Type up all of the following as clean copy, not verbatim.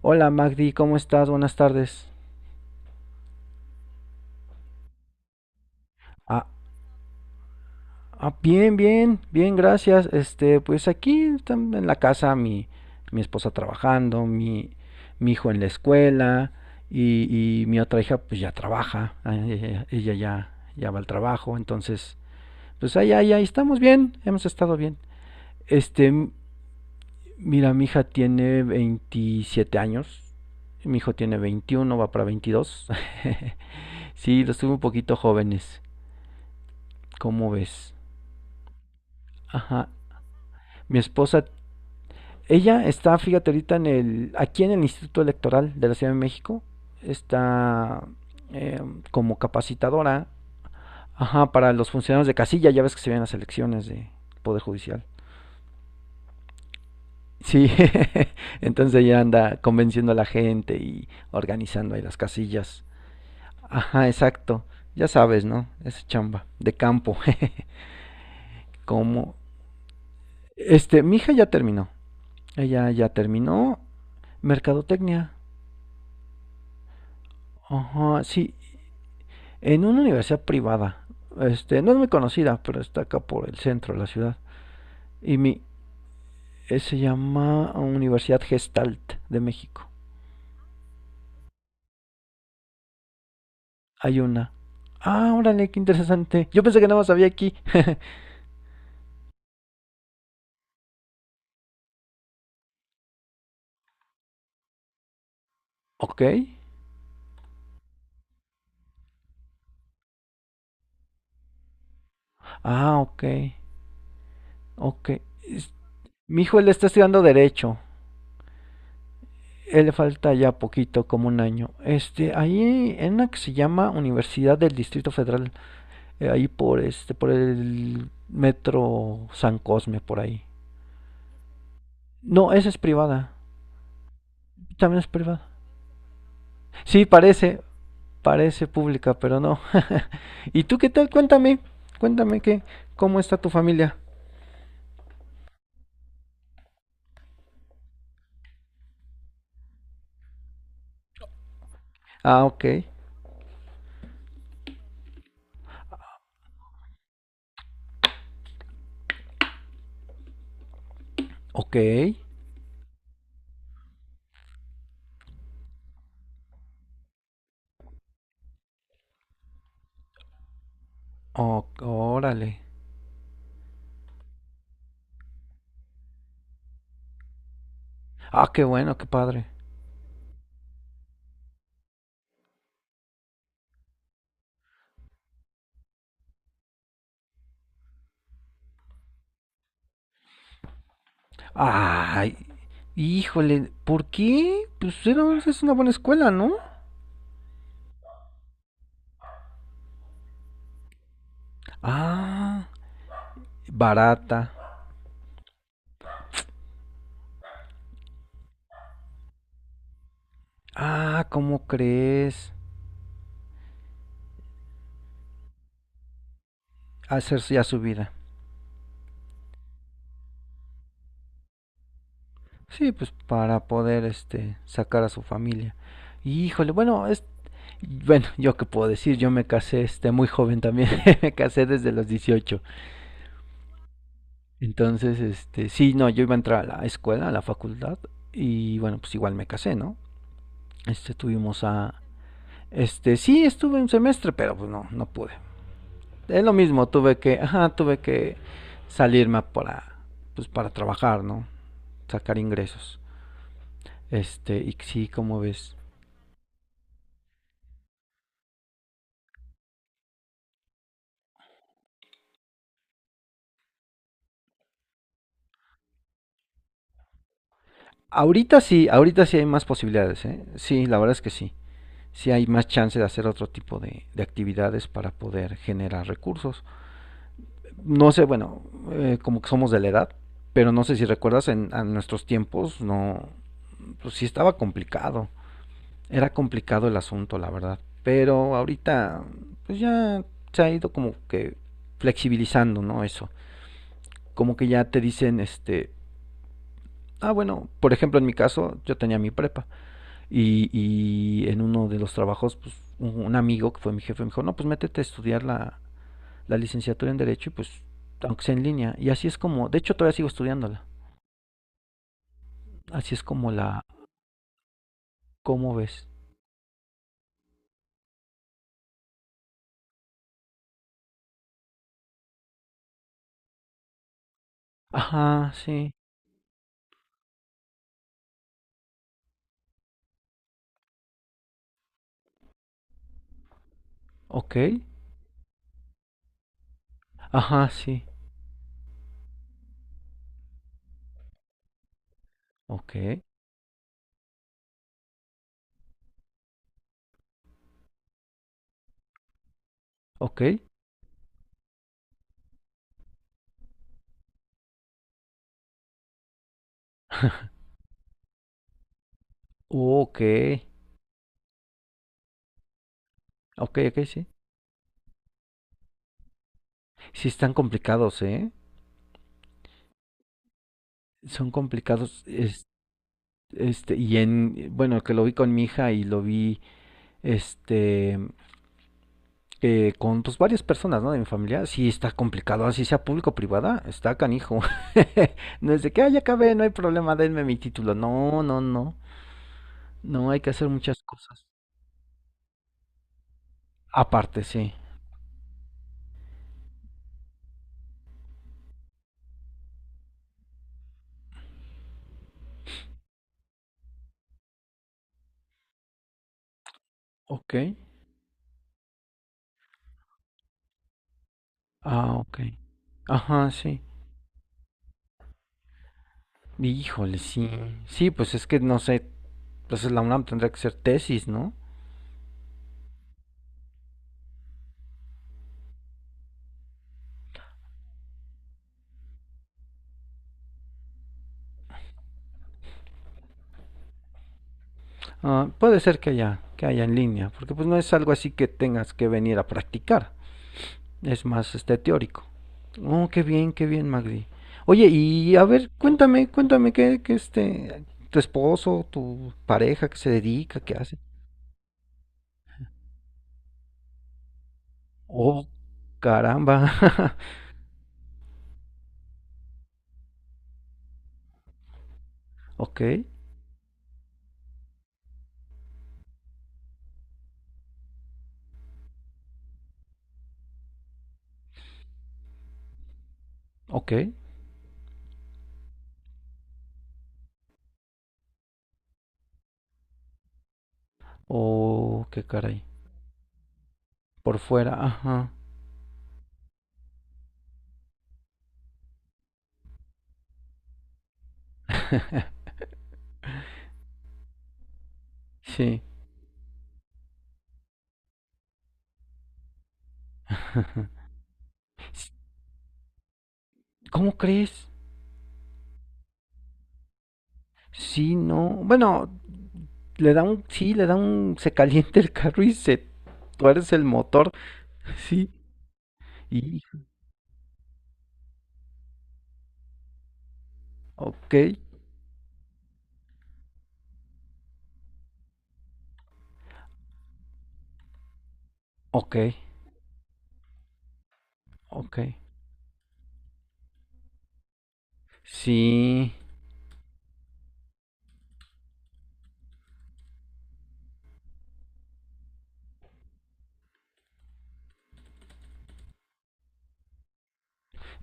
Hola Magdi, ¿cómo estás? Buenas tardes. Ah, bien, bien, gracias. Pues aquí están en la casa mi esposa trabajando, mi hijo en la escuela y mi otra hija pues ya trabaja, ella ya va al trabajo, entonces pues ahí estamos bien, hemos estado bien. Este, m- Mira, mi hija tiene 27 años, mi hijo tiene 21, va para 22. Sí, los tuve un poquito jóvenes. ¿Cómo ves? Ajá. Mi esposa, ella está, fíjate, ahorita aquí en el Instituto Electoral de la Ciudad de México, está eh, como capacitadora, ajá, para los funcionarios de casilla, ya ves que se ven las elecciones de Poder Judicial. Sí, entonces ella anda convenciendo a la gente y organizando ahí las casillas. Ajá, exacto. Ya sabes, ¿no? Es chamba de campo. Como Mi hija ya terminó. Ella ya terminó mercadotecnia. Ajá, sí, en una universidad privada. No es muy conocida, pero está acá por el centro de la ciudad. Y mi Se llama Universidad Gestalt de México. Hay una. Ah, órale, qué interesante. Yo pensé que nada más había aquí. Ok. Ah, ok. Ok. Es- Mi hijo él está estudiando derecho. Él le falta ya poquito, como un año. Ahí en una que se llama Universidad del Distrito Federal. Ahí por por el metro San Cosme, por ahí. No, esa es privada. También es privada. Sí, parece pública, pero no. ¿Y tú qué tal? Cuéntame, cuéntame cómo está tu familia. Ah, ok, ok, órale. Ah, qué bueno, qué padre. Ay, híjole, ¿por qué? Es una buena escuela, ¿no? Ah, barata. Ah, ¿cómo crees? Hacer ya su vida. Sí, pues para poder sacar a su familia. Híjole, bueno, yo qué puedo decir, yo me casé muy joven también. Me casé desde los 18. Entonces, sí, no, yo iba a entrar a la escuela, a la facultad y bueno, pues igual me casé, ¿no? Este tuvimos a sí, estuve un semestre, pero pues no, no pude. Es lo mismo, tuve que, ajá, tuve que salirme para pues para trabajar, ¿no? Sacar ingresos. Y sí, ¿como ves? Ahorita sí hay más posibilidades, ¿eh? Sí, la verdad es que sí. Sí hay más chance de hacer otro tipo de actividades para poder generar recursos. No sé, bueno, como que somos de la edad, pero no sé si recuerdas, en nuestros tiempos no, pues sí estaba complicado. Era complicado el asunto, la verdad. Pero ahorita, pues ya se ha ido como que flexibilizando, ¿no? Eso. Como que ya te dicen, ah, bueno, por ejemplo, en mi caso, yo tenía mi prepa. Y en uno de los trabajos, pues un amigo que fue mi jefe me dijo, no, pues métete a estudiar la licenciatura en Derecho y pues, aunque sea en línea. Y así es como, de hecho todavía sigo estudiándola. Así es como la, ¿Cómo ves? Ajá, sí, ok. Ajá, sí, ok, ok, ok, ok, ok, sí. Sí están complicados, ¿eh? Son complicados, y en, bueno, que lo vi con mi hija y lo vi, este, con pues, varias personas, ¿no? De mi familia, sí está complicado, así sea público o privada, está canijo. No es de que, ah, ya acabé, no hay problema, denme mi título. No, no, no. No, hay que hacer muchas cosas. Aparte, sí. Ok. Ah, ok. Ajá, sí. Híjole, sí. Sí, pues es que no sé, pues la UNAM tendrá que ser tesis, ¿no? Ah, puede ser que haya en línea, porque pues no es algo así que tengas que venir a practicar. Es más teórico. Oh, qué bien, Magdi. Oye, y a ver, cuéntame, cuéntame tu esposo, tu pareja, qué se dedica, qué hace. Oh, caramba. Ok, ok. Oh, qué caray. Por fuera, ajá. Sí. S- ¿Cómo crees? Sí, no. Bueno, sí, le da un, se calienta el carro y se tuerce el motor. Sí. Y, ok, ok, ok. Sí,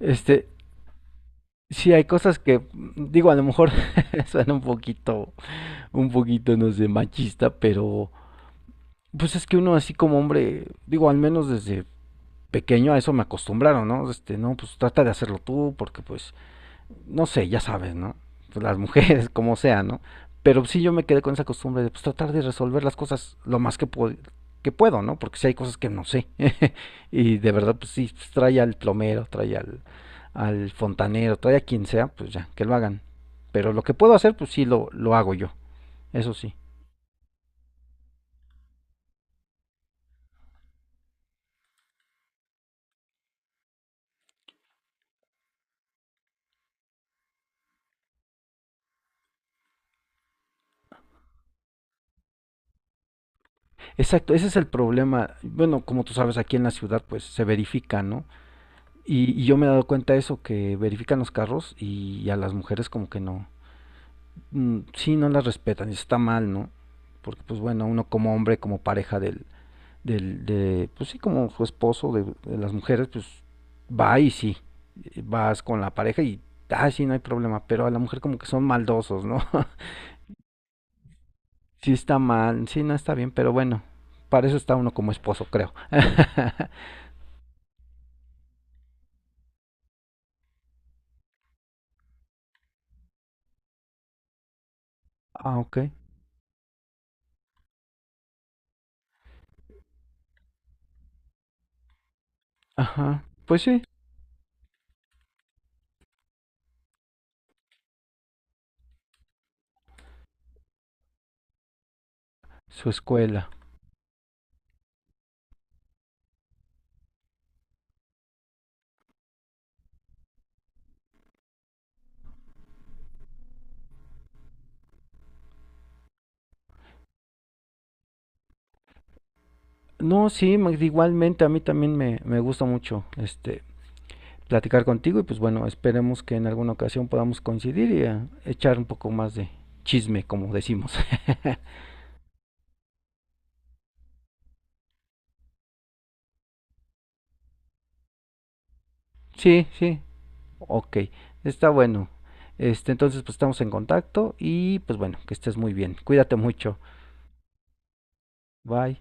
este, sí hay cosas que, digo, a lo mejor suena un poquito, no sé, machista, pero pues es que uno así como hombre, digo, al menos desde pequeño a eso me acostumbraron, ¿no? No, pues trata de hacerlo tú, porque pues, no sé, ya sabes, ¿no? Pues, las mujeres, como sea, ¿no? Pero sí yo me quedé con esa costumbre de pues tratar de resolver las cosas lo más que puedo, ¿no? Porque sí hay cosas que no sé. Y de verdad, pues sí, pues, trae al plomero, al fontanero, todavía a quien sea, pues ya, que lo hagan. Pero lo que puedo hacer, pues sí, lo hago yo. Eso sí. Exacto, ese es el problema. Bueno, como tú sabes, aquí en la ciudad pues se verifica, ¿no? Y yo me he dado cuenta de eso, que verifican los carros y a las mujeres como que no. Sí, no las respetan, y está mal, ¿no? Porque pues bueno, uno como hombre, como pareja pues sí, como su esposo de las mujeres, pues va y sí, vas con la pareja ah, sí, no hay problema, pero a la mujer como que son maldosos, ¿no? Sí está mal, sí, no está bien, pero bueno, para eso está uno como esposo, creo. Ah, ok. Ajá. Pues sí, su escuela. No, sí, igualmente a mí también me gusta mucho platicar contigo y pues bueno, esperemos que en alguna ocasión podamos coincidir y echar un poco más de chisme, como decimos. Sí, sí. Ok, está bueno. Entonces pues estamos en contacto y pues bueno, que estés muy bien. Cuídate mucho. Bye.